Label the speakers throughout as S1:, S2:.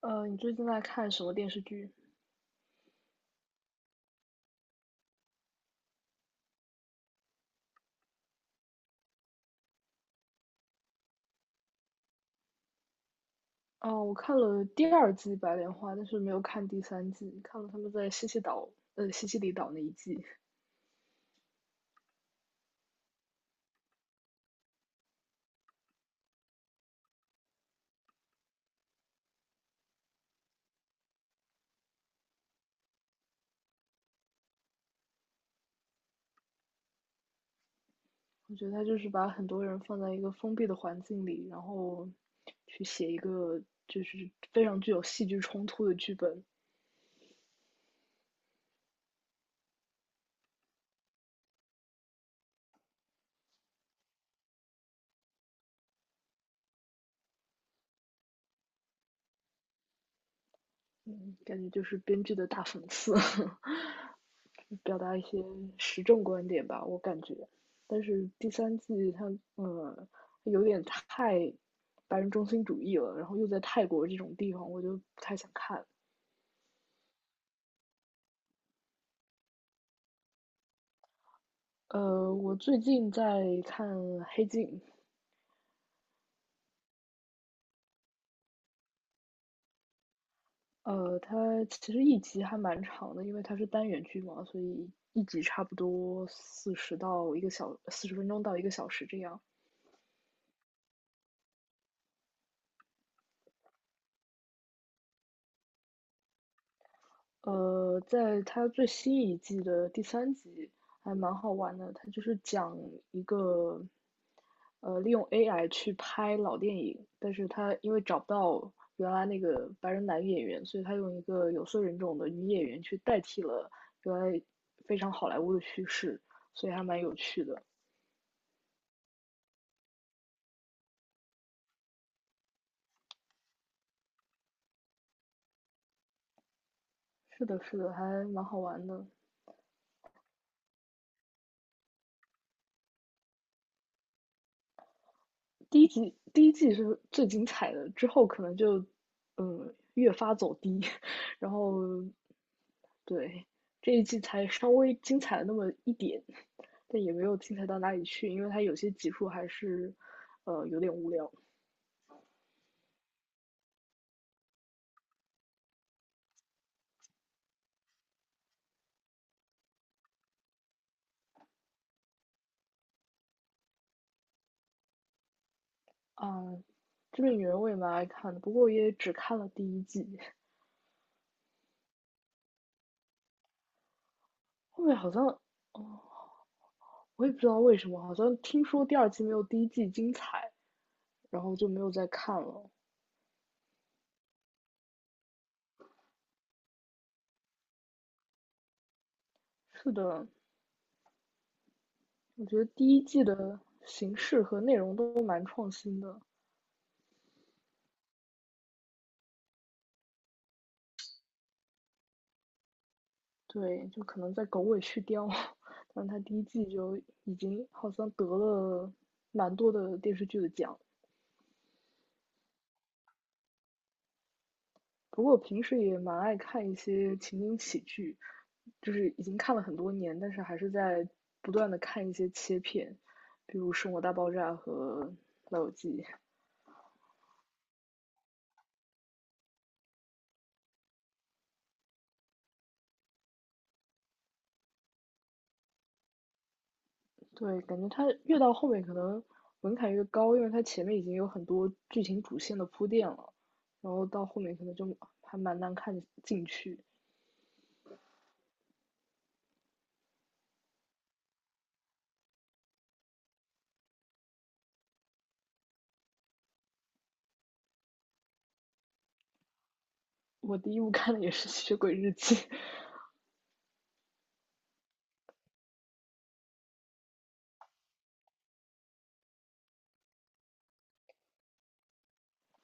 S1: 你最近在看什么电视剧？哦，我看了第二季《白莲花》，但是没有看第三季，看了他们在西西岛，西西里岛那一季。我觉得他就是把很多人放在一个封闭的环境里，然后去写一个就是非常具有戏剧冲突的剧本。嗯，感觉就是编剧的大讽刺。表达一些时政观点吧，我感觉。但是第三季它，嗯，有点太白人中心主义了，然后又在泰国这种地方，我就不太想看。我最近在看《黑镜》，它其实一集还蛮长的，因为它是单元剧嘛，所以一集差不多四十分钟到一个小时这样。在它最新一季的第三集还蛮好玩的，它就是讲一个，利用 AI 去拍老电影，但是他因为找不到原来那个白人男演员，所以他用一个有色人种的女演员去代替了原来非常好莱坞的叙事，所以还蛮有趣的。是的，是的，还蛮好玩的。第一季是最精彩的，之后可能就，嗯，越发走低，然后对，这一季才稍微精彩了那么一点，但也没有精彩到哪里去，因为它有些集数还是，有点无聊。嗯，《这个女人》我也蛮爱看的，不过也只看了第一季，后面好像我也不知道为什么，好像听说第二季没有第一季精彩，然后就没有再看了。是的，我觉得第一季的形式和内容都蛮创新的，对，就可能在狗尾续貂，但是它第一季就已经好像得了蛮多的电视剧的奖。不过我平时也蛮爱看一些情景喜剧，就是已经看了很多年，但是还是在不断的看一些切片，比如《生活大爆炸》和《老友记》。对，感觉它越到后面可能门槛越高，因为它前面已经有很多剧情主线的铺垫了，然后到后面可能就还蛮难看进去。我第一部看的也是《吸血鬼日记》，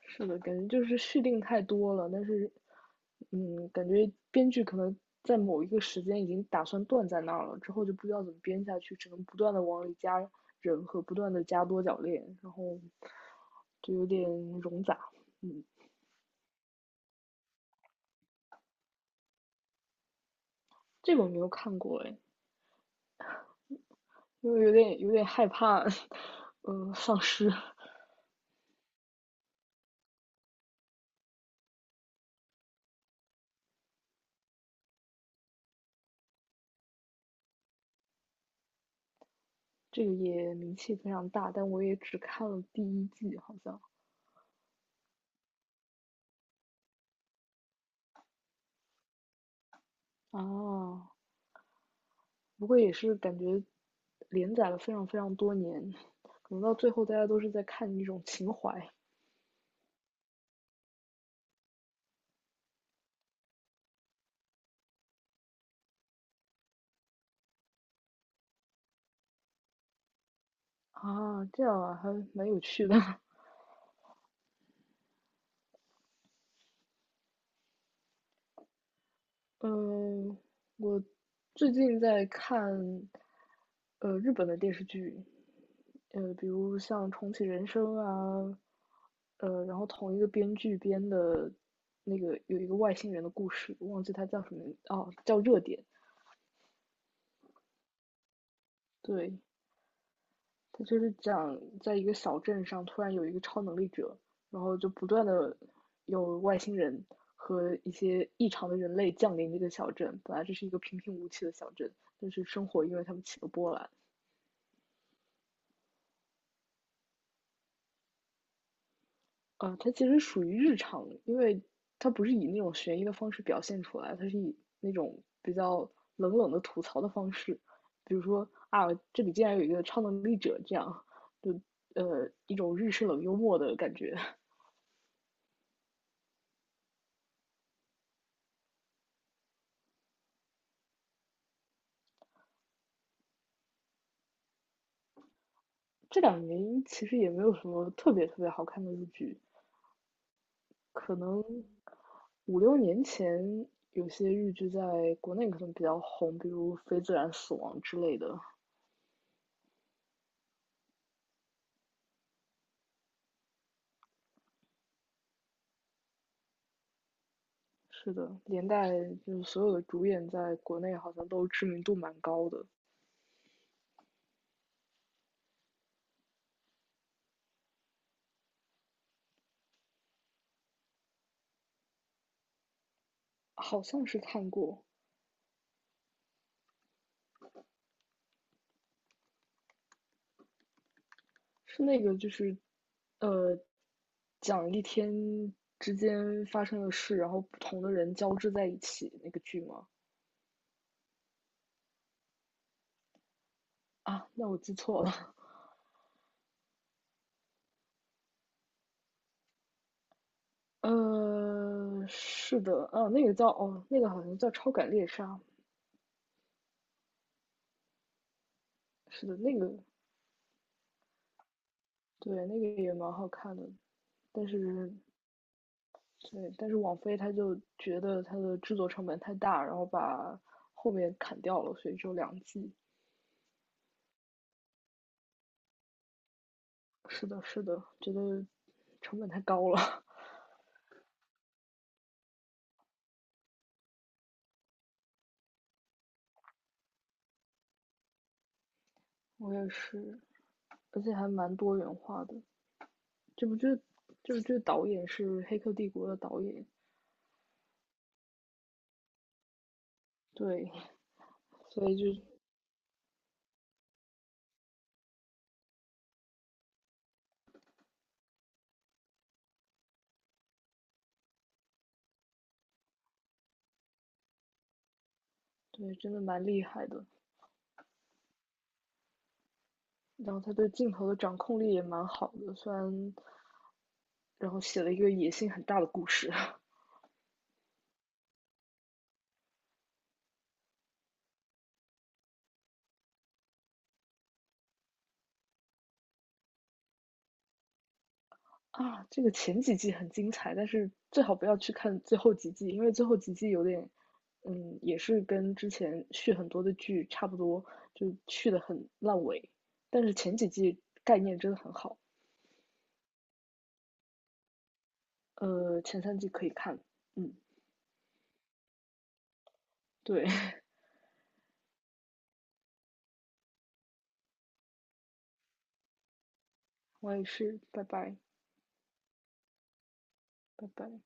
S1: 是的，感觉就是续订太多了，但是，嗯，感觉编剧可能在某一个时间已经打算断在那儿了，之后就不知道怎么编下去，只能不断的往里加人和不断的加多角恋，然后就有点冗杂。嗯，这个我没有看过哎，因为有点害怕，丧尸。这个也名气非常大，但我也只看了第一季，好像。啊。不过也是感觉连载了非常非常多年，可能到最后大家都是在看一种情怀啊，这样啊，还蛮有趣的。嗯，我最近在看日本的电视剧，比如像《重启人生》啊，然后同一个编剧编的那个有一个外星人的故事，忘记它叫什么哦，叫《热点》。对，他就是讲在一个小镇上突然有一个超能力者，然后就不断的有外星人和一些异常的人类降临这个小镇。本来这是一个平平无奇的小镇，但是生活因为他们起了波澜。啊，它其实属于日常，因为它不是以那种悬疑的方式表现出来，它是以那种比较冷冷的吐槽的方式，比如说啊，这里竟然有一个超能力者这样，就一种日式冷幽默的感觉。这两年其实也没有什么特别特别好看的日剧，可能五六年前有些日剧在国内可能比较红，比如《非自然死亡》之类的。是的，连带就是所有的主演在国内好像都知名度蛮高的，好像是看过，是那个就是，呃，讲一天之间发生的事，然后不同的人交织在一起那个剧吗？啊，那我记错了。是的，哦，那个叫哦，那个好像叫《超感猎杀》，是的，那个对，那个也蛮好看的，但是对，但是网飞他就觉得它的制作成本太大，然后把后面砍掉了，所以只有两季。是的，是的，觉得成本太高了，我也是，而且还蛮多元化的。这部剧，这部剧导演是《黑客帝国》的导演，对，所以就对，真的蛮厉害的。然后他对镜头的掌控力也蛮好的，虽然，然后写了一个野心很大的故事 啊。这个前几季很精彩，但是最好不要去看最后几季，因为最后几季有点，嗯，也是跟之前续很多的剧差不多，就续的很烂尾。但是前几季概念真的很好，前三季可以看，嗯，对 我也是，拜拜，拜拜。